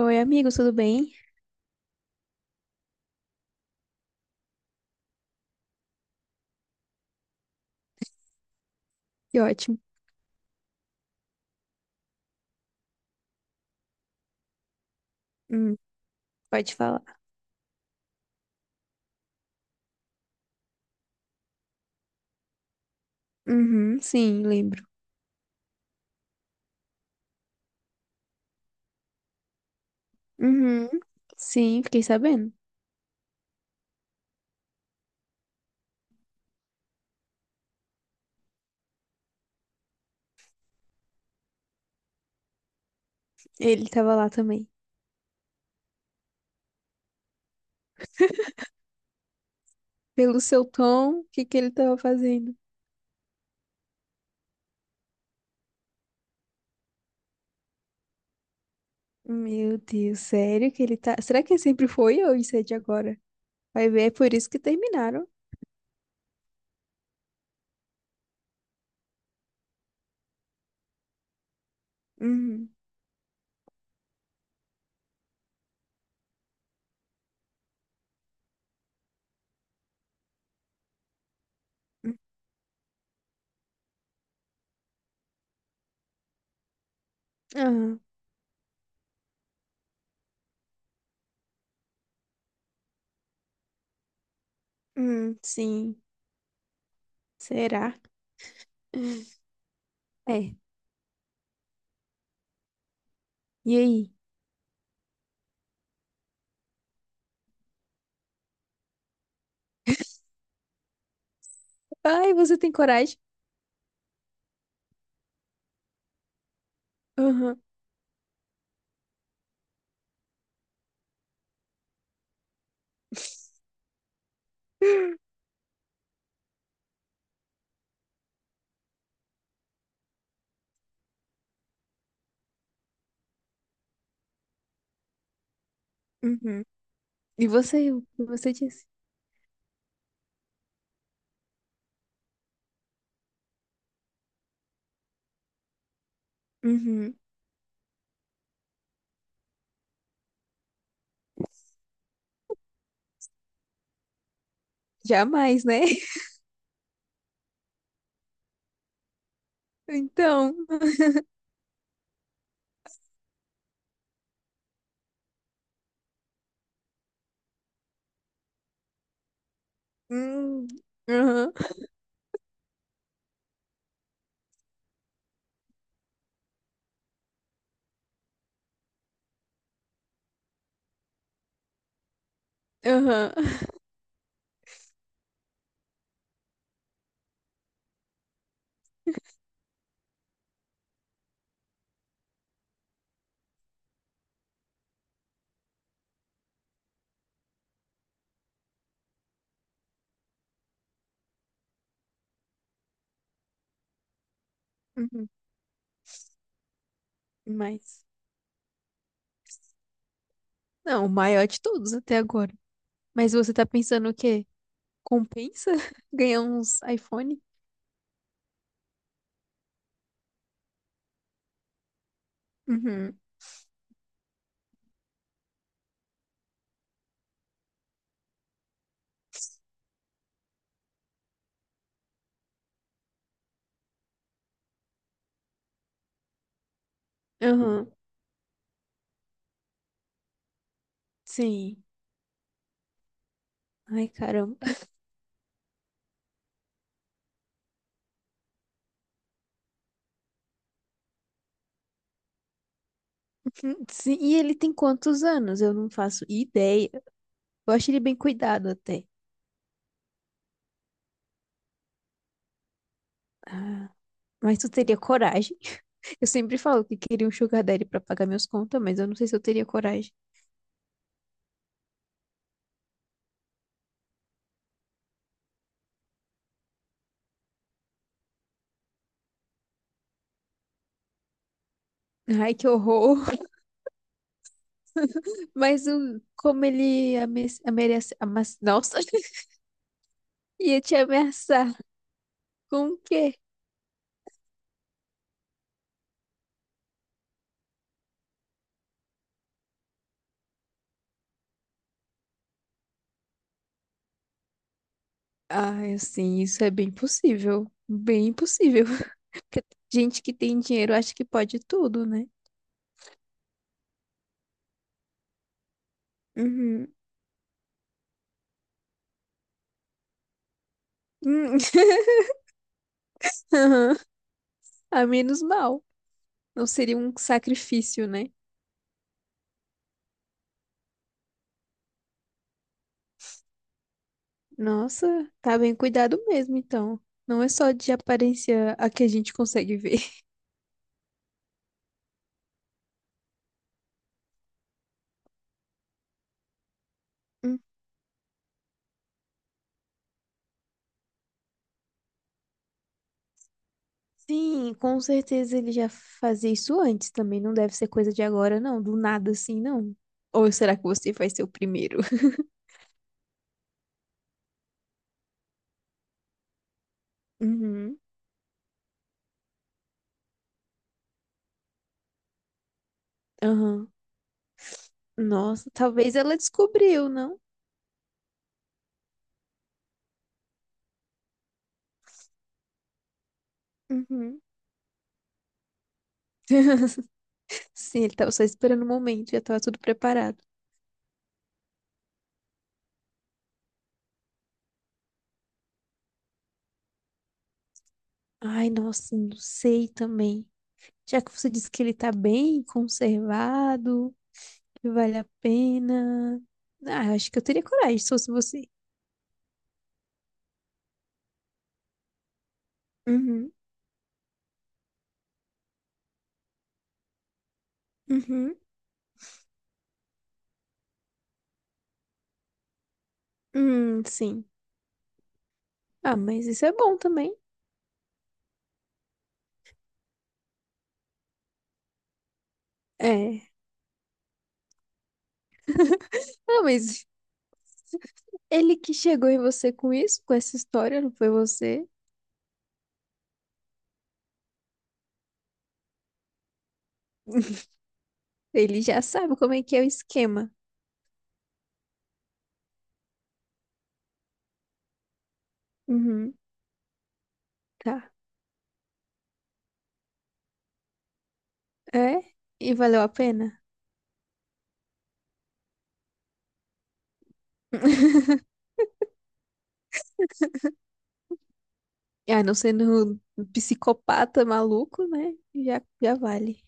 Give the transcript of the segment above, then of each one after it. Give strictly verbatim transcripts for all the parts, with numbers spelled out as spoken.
Oi, amigo, tudo bem? Que ótimo. Hum, pode falar. Uhum, sim, lembro. Uhum, sim, fiquei sabendo. Ele tava lá também. Pelo seu tom, o que que ele tava fazendo? Meu Deus, sério que ele tá. Será que ele sempre foi ou isso é de agora? Vai ver, é por isso que terminaram. Uhum. Hum. Aham. Hum, sim. Será? Hum. É. E aí? Ai, você tem coragem? Aham. Uhum. E você, o que você disse? Uhum. Jamais, né? Então. Hum. Aham, aham. Uhum. Mas. Não, o maior de todos até agora. Mas você tá pensando o quê? Compensa ganhar uns iPhone? Uhum. Aham. Sim. Ai, caramba. Sim, e ele tem quantos anos? Eu não faço ideia. Eu acho ele bem cuidado até. Ah, mas tu teria coragem? Eu sempre falo que queria um sugar daddy pra pagar minhas contas, mas eu não sei se eu teria coragem. Ai, que horror. Mas o, como ele ame, amerece amas- nossa, ia te ameaçar com o quê? Ai, assim, isso é bem possível. Bem possível. Porque gente que tem dinheiro acha que pode tudo, né? Uhum. Hum. Aham. A menos mal. Não seria um sacrifício, né? Nossa, tá bem cuidado mesmo, então. Não é só de aparência a que a gente consegue ver. Sim, com certeza ele já fazia isso antes também. Não deve ser coisa de agora, não. Do nada assim, não. Ou será que você vai ser o primeiro? Uhum. Aham. Nossa, talvez ela descobriu, não? Uhum. Sim, ele tava só esperando o momento, já tava tudo preparado. Ai, nossa, não sei também. Já que você disse que ele tá bem conservado, que vale a pena. Ah, eu acho que eu teria coragem se fosse você. Uhum. Uhum. Hum, sim. Ah, mas isso é bom também. É. Não, mas ele que chegou em você com isso, com essa história, não foi você? Ele já sabe como é que é o esquema. Uhum, tá. É? E valeu a pena? Ah, não sendo um psicopata maluco, né? Já, já vale.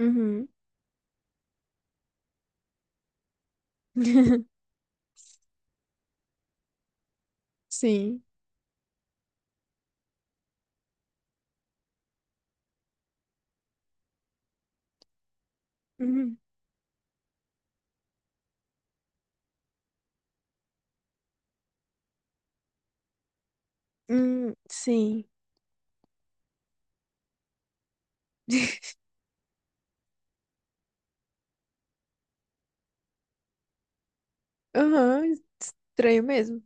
Uhum. Sim. Uhum. Hum, sim. Aham, estranho mesmo.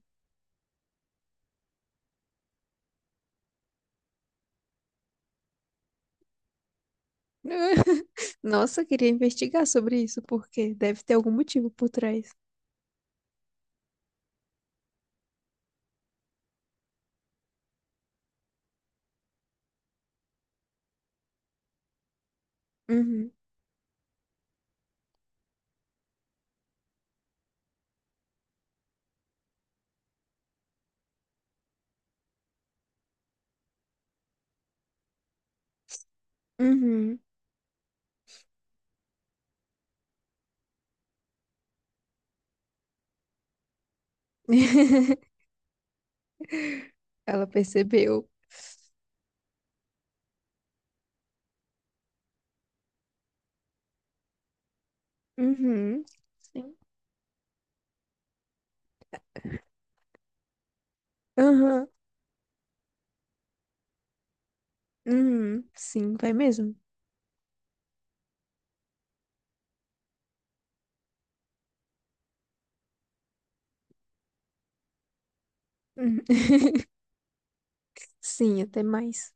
Nossa, eu queria investigar sobre isso, porque deve ter algum motivo por trás. Uhum. Uhum. Ela percebeu. Uhum. Sim. Aham. Uhum. Sim, vai mesmo. Uhum. Sim, até mais.